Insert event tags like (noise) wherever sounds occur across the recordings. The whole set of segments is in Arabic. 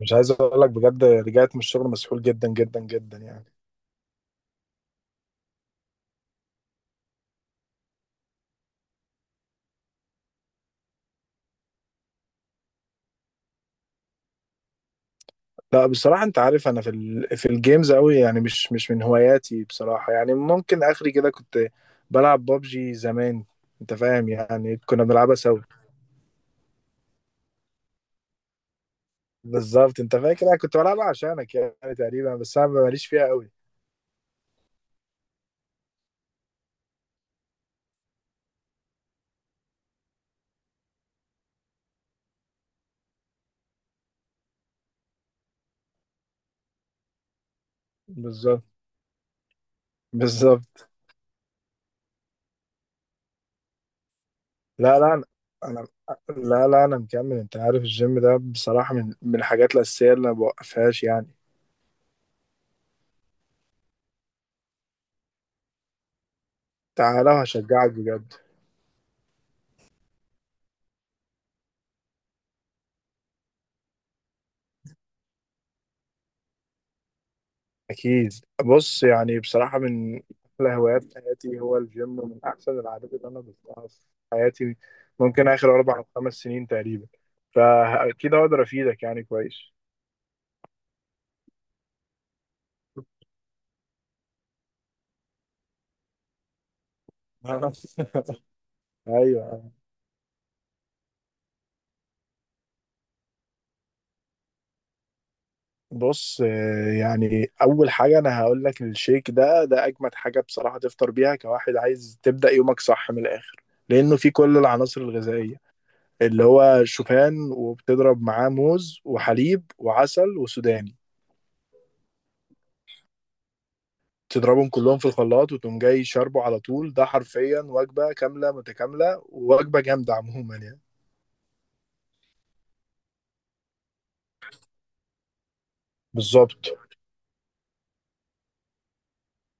مش عايز اقول لك بجد، رجعت من الشغل مسحول جدا جدا جدا يعني. لا بصراحه انت عارف انا في الجيمز قوي، يعني مش من هواياتي بصراحه، يعني ممكن اخري كده كنت بلعب بابجي زمان. انت فاهم، يعني كنا بنلعبها سوا. بالظبط، انت فاكر انا كنت بلعبها عشانك يعني تقريبا، بس انا ماليش فيها قوي. بالظبط بالظبط. لا لا انا أنا- لا لا انا مكمل، انت عارف الجيم ده بصراحه من الحاجات الاساسيه اللي ما بوقفهاش يعني. تعالى وهشجعك بجد. أكيد. بص يعني بصراحة، من أحلى هوايات حياتي هو الجيم، ومن أحسن العادات اللي أنا ضفتها في حياتي ممكن آخر 4 أو 5 سنين تقريبا، فأكيد هقدر أفيدك يعني كويس. (laughs) أيوه. بص، يعني أول حاجة أنا هقول لك، الشيك ده أجمد حاجة بصراحة تفطر بيها كواحد عايز تبدأ يومك صح من الآخر، لأنه فيه كل العناصر الغذائية، اللي هو شوفان، وبتضرب معاه موز وحليب وعسل وسوداني. تضربهم كلهم في الخلاط وتقوم جاي شاربه على طول، ده حرفيا وجبة كاملة متكاملة، ووجبة جامدة عموما يعني. بالظبط.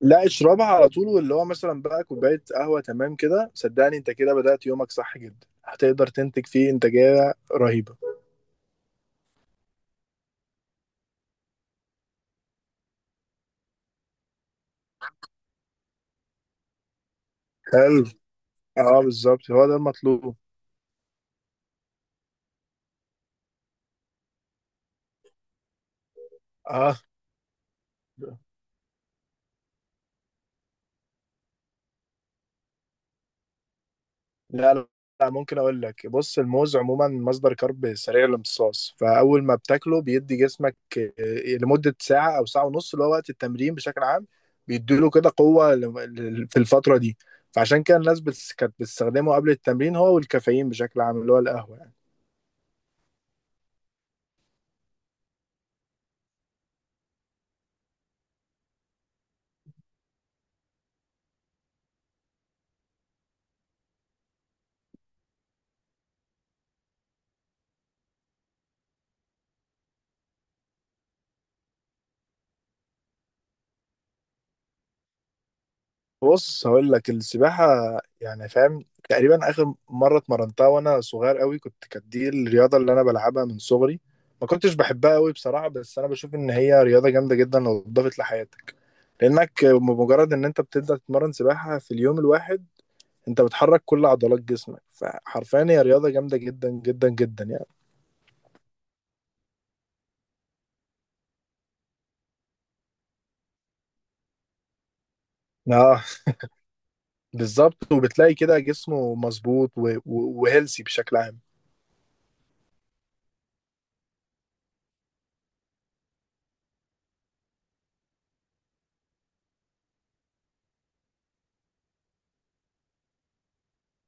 لا، اشربها على طول، واللي هو مثلا بقى كوباية قهوة تمام كده، صدقني انت كده بدأت يومك صح جدا، هتقدر تنتج فيه انتاجية رهيبة. حلو. اه بالظبط، هو ده المطلوب. اه. لا لا، لا، ممكن اقول لك، بص الموز عموما مصدر كرب سريع الامتصاص، فاول ما بتاكله بيدي جسمك لمده ساعه او ساعه ونص، اللي هو وقت التمرين بشكل عام. بيديله كده قوه في الفتره دي. فعشان كده الناس كانت بتستخدمه قبل التمرين، هو والكافيين بشكل عام، اللي هو القهوه. بص هقول لك، السباحة يعني فاهم، تقريبا آخر مرة اتمرنتها وأنا صغير قوي، كانت دي الرياضة اللي أنا بلعبها من صغري. ما كنتش بحبها قوي بصراحة، بس أنا بشوف إن هي رياضة جامدة جدا لو اتضافت لحياتك، لأنك بمجرد إن أنت بتبدأ تتمرن سباحة في اليوم الواحد، أنت بتحرك كل عضلات جسمك، فحرفيا هي رياضة جامدة جدا جدا جدا يعني. اه بالظبط، وبتلاقي كده جسمه مظبوط وهيلثي بشكل عام.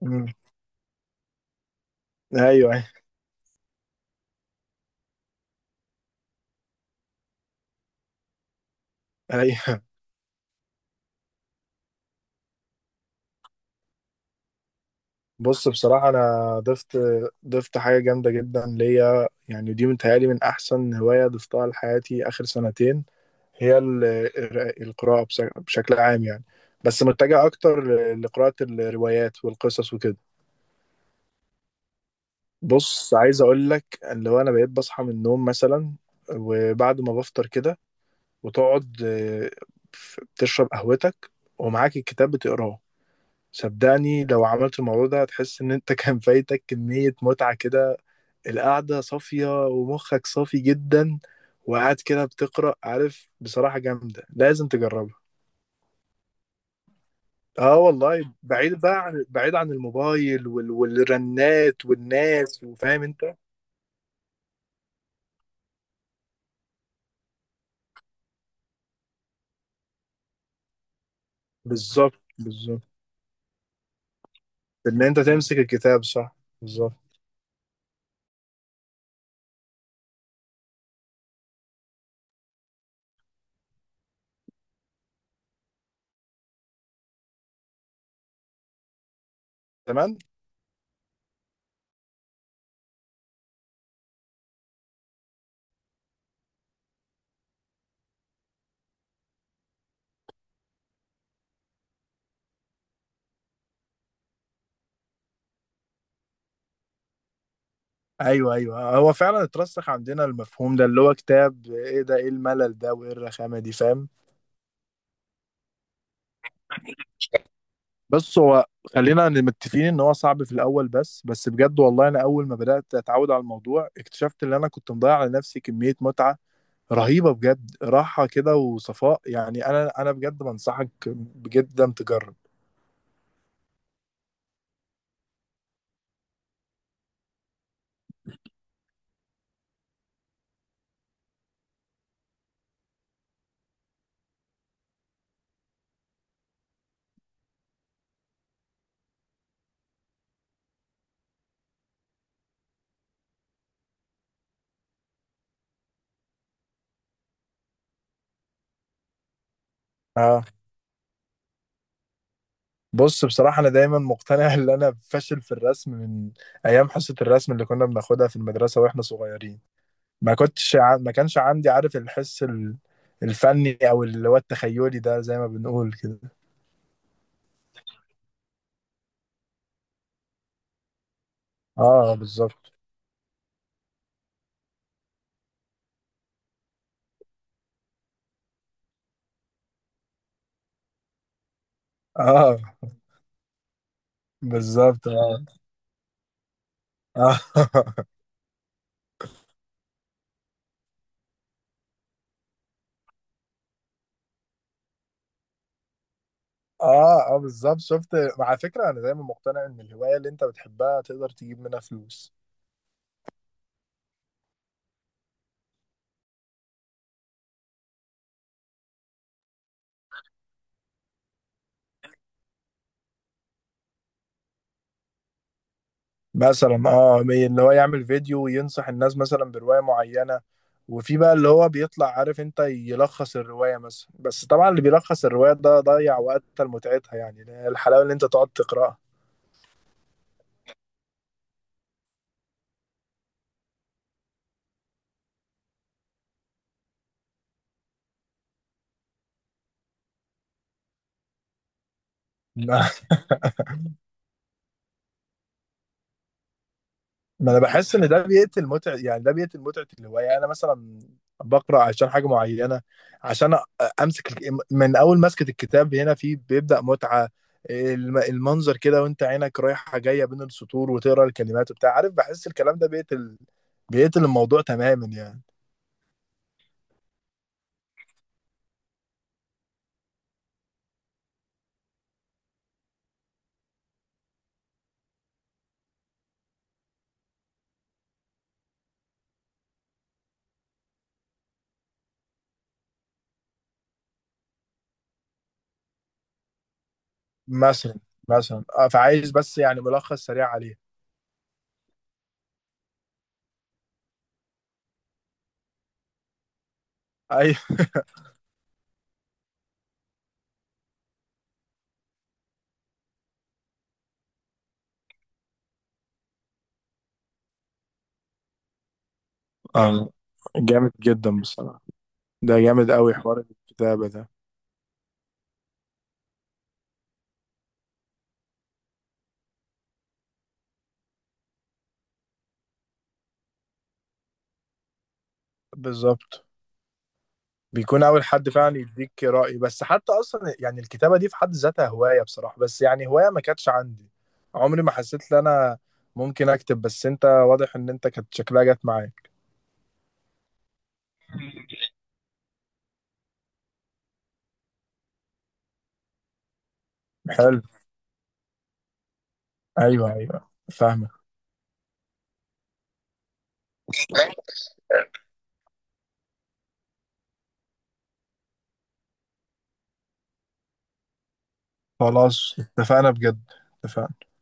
مم. ايوه ايوه. بص بصراحة، أنا ضفت حاجة جامدة جدا ليا، يعني دي متهيألي من أحسن هواية ضفتها لحياتي آخر سنتين. هي القراءة بشكل عام يعني، بس متجه أكتر لقراءة الروايات والقصص وكده. بص عايز أقول لك، اللي هو أنا بقيت بصحى من النوم مثلا، وبعد ما بفطر كده وتقعد، بتشرب قهوتك ومعاك الكتاب بتقراه. صدقني لو عملت الموضوع ده هتحس إن أنت (laughs) كان فايتك كمية متعة كده. القعدة صافية ومخك صافي جدا، وقاعد كده بتقرأ، عارف بصراحة جامدة لازم تجربها. اه والله، بعيد عن الموبايل والرنات والناس، وفاهم انت. بالظبط بالظبط، ان انت تمسك الكتاب صح. بالظبط. تمام. ايوه ايوه، هو فعلا اترسخ عندنا المفهوم ده، اللي هو كتاب ايه ده، ايه الملل ده، وايه الرخامة دي، فاهم؟ بس هو خلينا متفقين ان هو صعب في الاول، بس بجد والله، انا اول ما بدات اتعود على الموضوع، اكتشفت ان انا كنت مضيع على نفسي كميه متعه رهيبه بجد، راحه كده وصفاء يعني. انا بجد بنصحك بجدا تجرب. آه. بص بصراحه، انا دايما مقتنع ان انا فاشل في الرسم من ايام حصه الرسم اللي كنا بناخدها في المدرسه واحنا صغيرين. ما كنتش ع... ما كانش عندي، عارف، الحس الفني، او اللي هو التخيلي ده زي ما بنقول كده. اه بالظبط. اه بالظبط. اه اه. (laughs) اه. بالظبط، شفت؟ على فكره انا دايما مقتنع ان الهوايه اللي انت بتحبها تقدر تجيب منها فلوس. مثلا اه، اللي هو يعمل فيديو وينصح الناس مثلا بروايه معينه، وفي بقى اللي هو بيطلع عارف انت يلخص الروايه مثلا، بس طبعا اللي بيلخص الروايه ده ضيع وقتها لمتعتها، يعني الحلاوه اللي انت تقعد تقراها. (laughs) ما انا بحس ان ده بيقتل متعه، يعني ده بيقتل متعه الهوايه. انا مثلا بقرا عشان حاجه معينه، عشان امسك الك- من اول مسكه الكتاب هنا في بيبدا متعه، المنظر كده، وانت عينك رايحه جايه بين السطور وتقرا الكلمات وبتاع، عارف، بحس الكلام ده بيقتل الموضوع تماما يعني. مثلا. فعايز بس يعني ملخص سريع عليه. ايوه. (laughs) آه، جامد جدا بصراحه، ده جامد قوي حوار الكتابه ده. بالظبط، بيكون اول حد فعلا يديك رأي. بس حتى اصلا يعني الكتابة دي في حد ذاتها هواية بصراحة، بس يعني هواية ما كانتش عندي. عمري ما حسيت ان انا ممكن اكتب، بس انت واضح ان انت كانت شكلها جت معاك. حلو. ايوه ايوه فاهمك. خلاص اتفقنا بجد. اتفقنا.